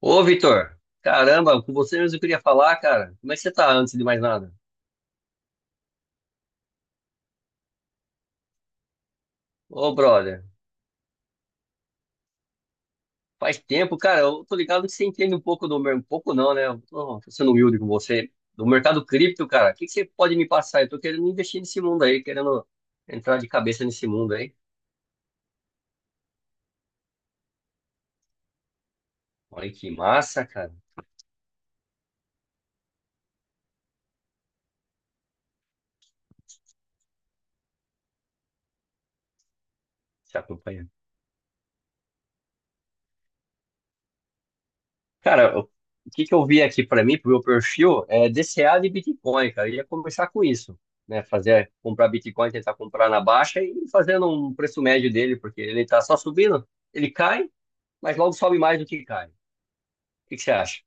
Ô, Vitor, caramba, com você mesmo eu queria falar, cara. Como é que você tá antes de mais nada? Ô, brother, faz tempo, cara, eu tô ligado que você entende um pouco um pouco não, né? Tô sendo humilde com você. Do mercado cripto, cara, o que que você pode me passar? Eu tô querendo investir nesse mundo aí, querendo entrar de cabeça nesse mundo aí. Olha que massa, cara, você acompanha. Cara, o que que eu vi aqui pra mim, pro meu perfil, é DCA de Bitcoin, cara. Eu ia começar com isso, né? Fazer, comprar Bitcoin, tentar comprar na baixa e fazendo um preço médio dele, porque ele tá só subindo, ele cai, mas logo sobe mais do que cai. O que que você acha?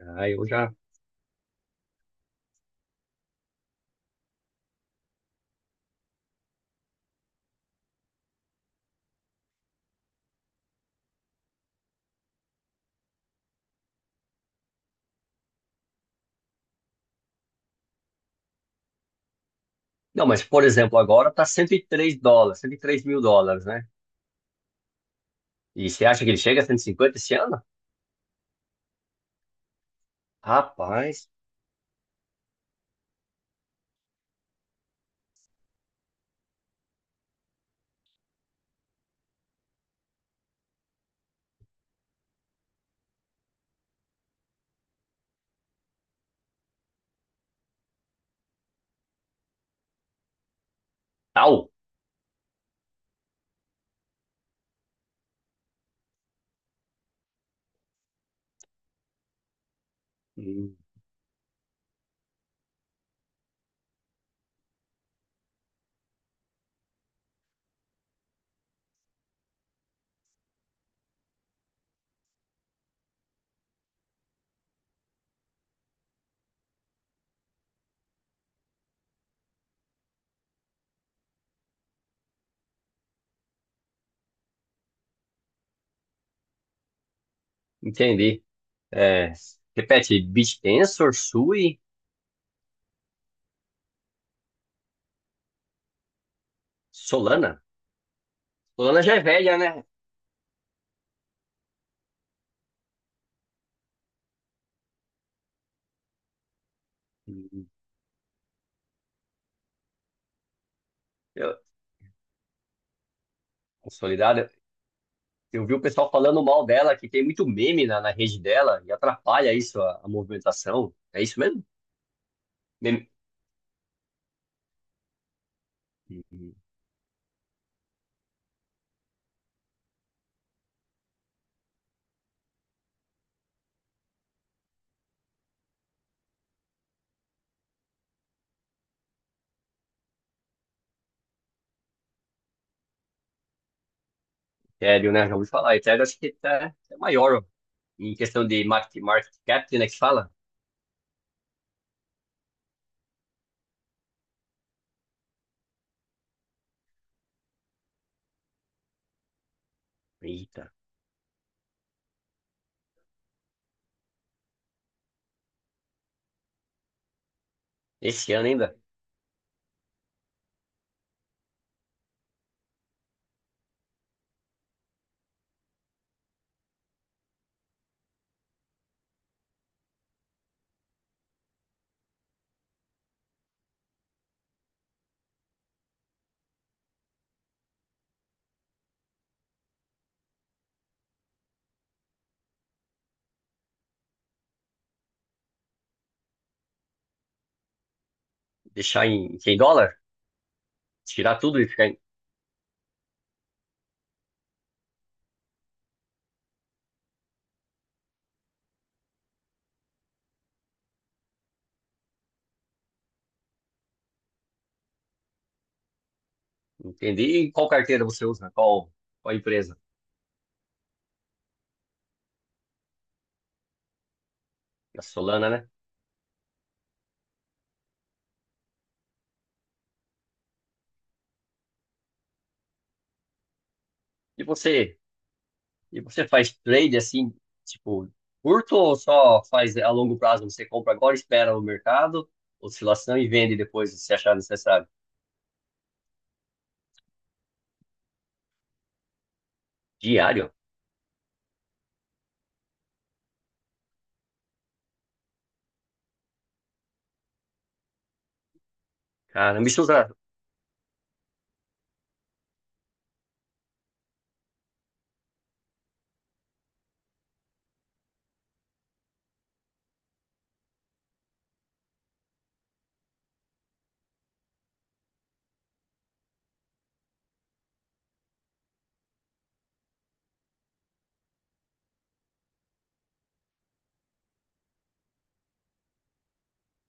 Ah, eu já. Não, mas por exemplo, agora tá 103 dólares, 103 mil dólares, né? E você acha que ele chega a 150 esse ano? Rapaz, tal. Hum, Entendi. É, repete, BitTensor, Sui, Solana. Lana já é velha, né? E eu, Solidária, eu vi o pessoal falando mal dela, que tem muito meme na rede dela e atrapalha isso, a movimentação. É isso mesmo? Meme. Hum, Ethereum, né? Já ouvi falar. Ethereum acho que tá, é maior em questão de market cap, né? Que fala. Eita, esse ano ainda, deixar em dólar, tirar tudo e ficar. Em... entendi. E qual carteira você usa? Qual, qual empresa? A Solana, né? E você? E você faz trade assim, tipo, curto ou só faz a longo prazo? Você compra agora, espera o mercado, oscilação e vende depois se achar necessário. Diário? Caramba, isso usa.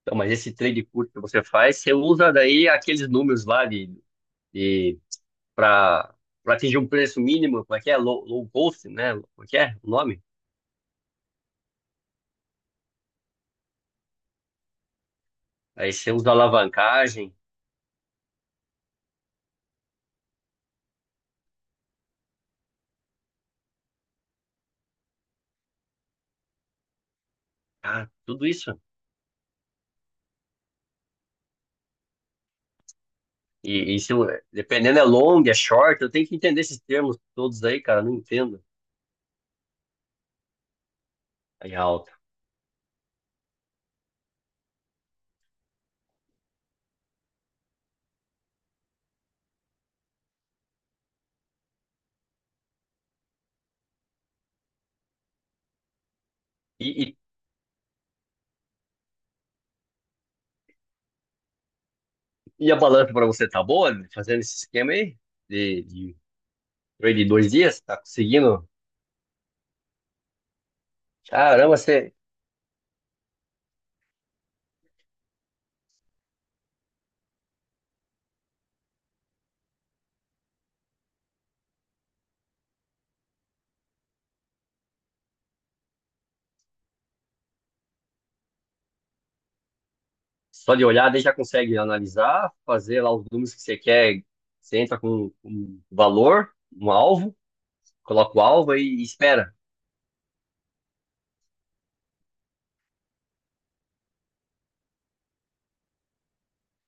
Então, mas esse trade curto que você faz, você usa daí aqueles números lá de para para atingir um preço mínimo, como é que é? Low, low cost, né? Como é que é o nome? Aí você usa alavancagem, ah, tudo isso. E isso, dependendo, é long, é short. Eu tenho que entender esses termos todos aí, cara. Eu Não entendo. Aí, ah, E, e, e a balança para você tá boa né? Fazendo esse esquema aí? De trade de 2 dias? Tá conseguindo? Caramba, você só de olhar daí já consegue analisar, fazer lá os números que você quer. Você entra com um valor, um alvo, coloca o alvo e espera.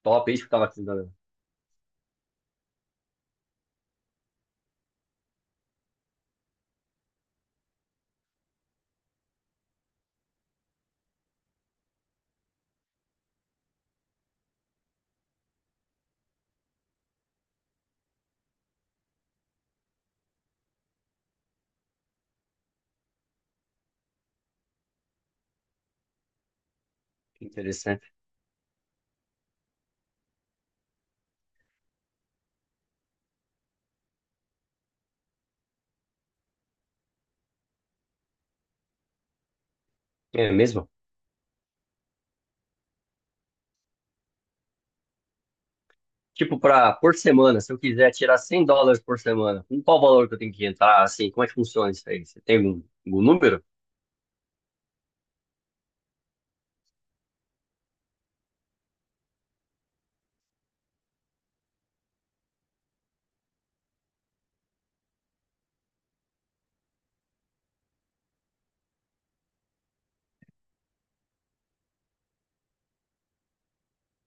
Top, é isso que eu tava tentando. Que interessante. É mesmo? Tipo, pra, por semana, se eu quiser tirar 100 dólares por semana, com qual valor que eu tenho que entrar? Assim, como é que funciona isso aí? Você tem algum, algum número?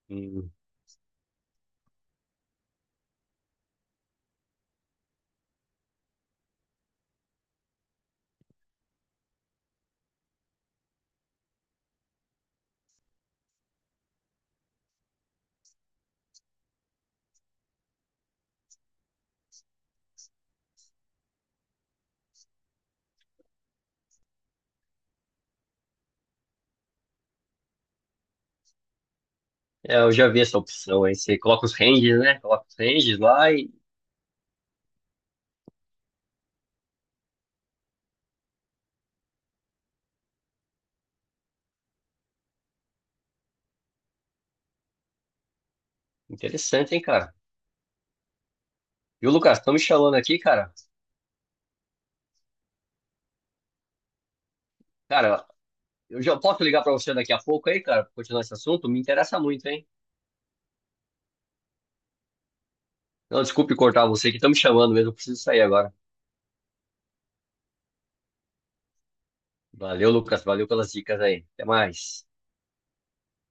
Hum. É, eu já vi essa opção aí. Você coloca os ranges, né? Coloca os ranges lá e. Interessante, hein, cara? E o Lucas, estão me chamando aqui, cara. Cara, eu já posso ligar pra você daqui a pouco aí, cara, pra continuar esse assunto? Me interessa muito, hein? Não, desculpe cortar você que estão me chamando mesmo. Eu preciso sair agora. Valeu, Lucas. Valeu pelas dicas aí. Até mais.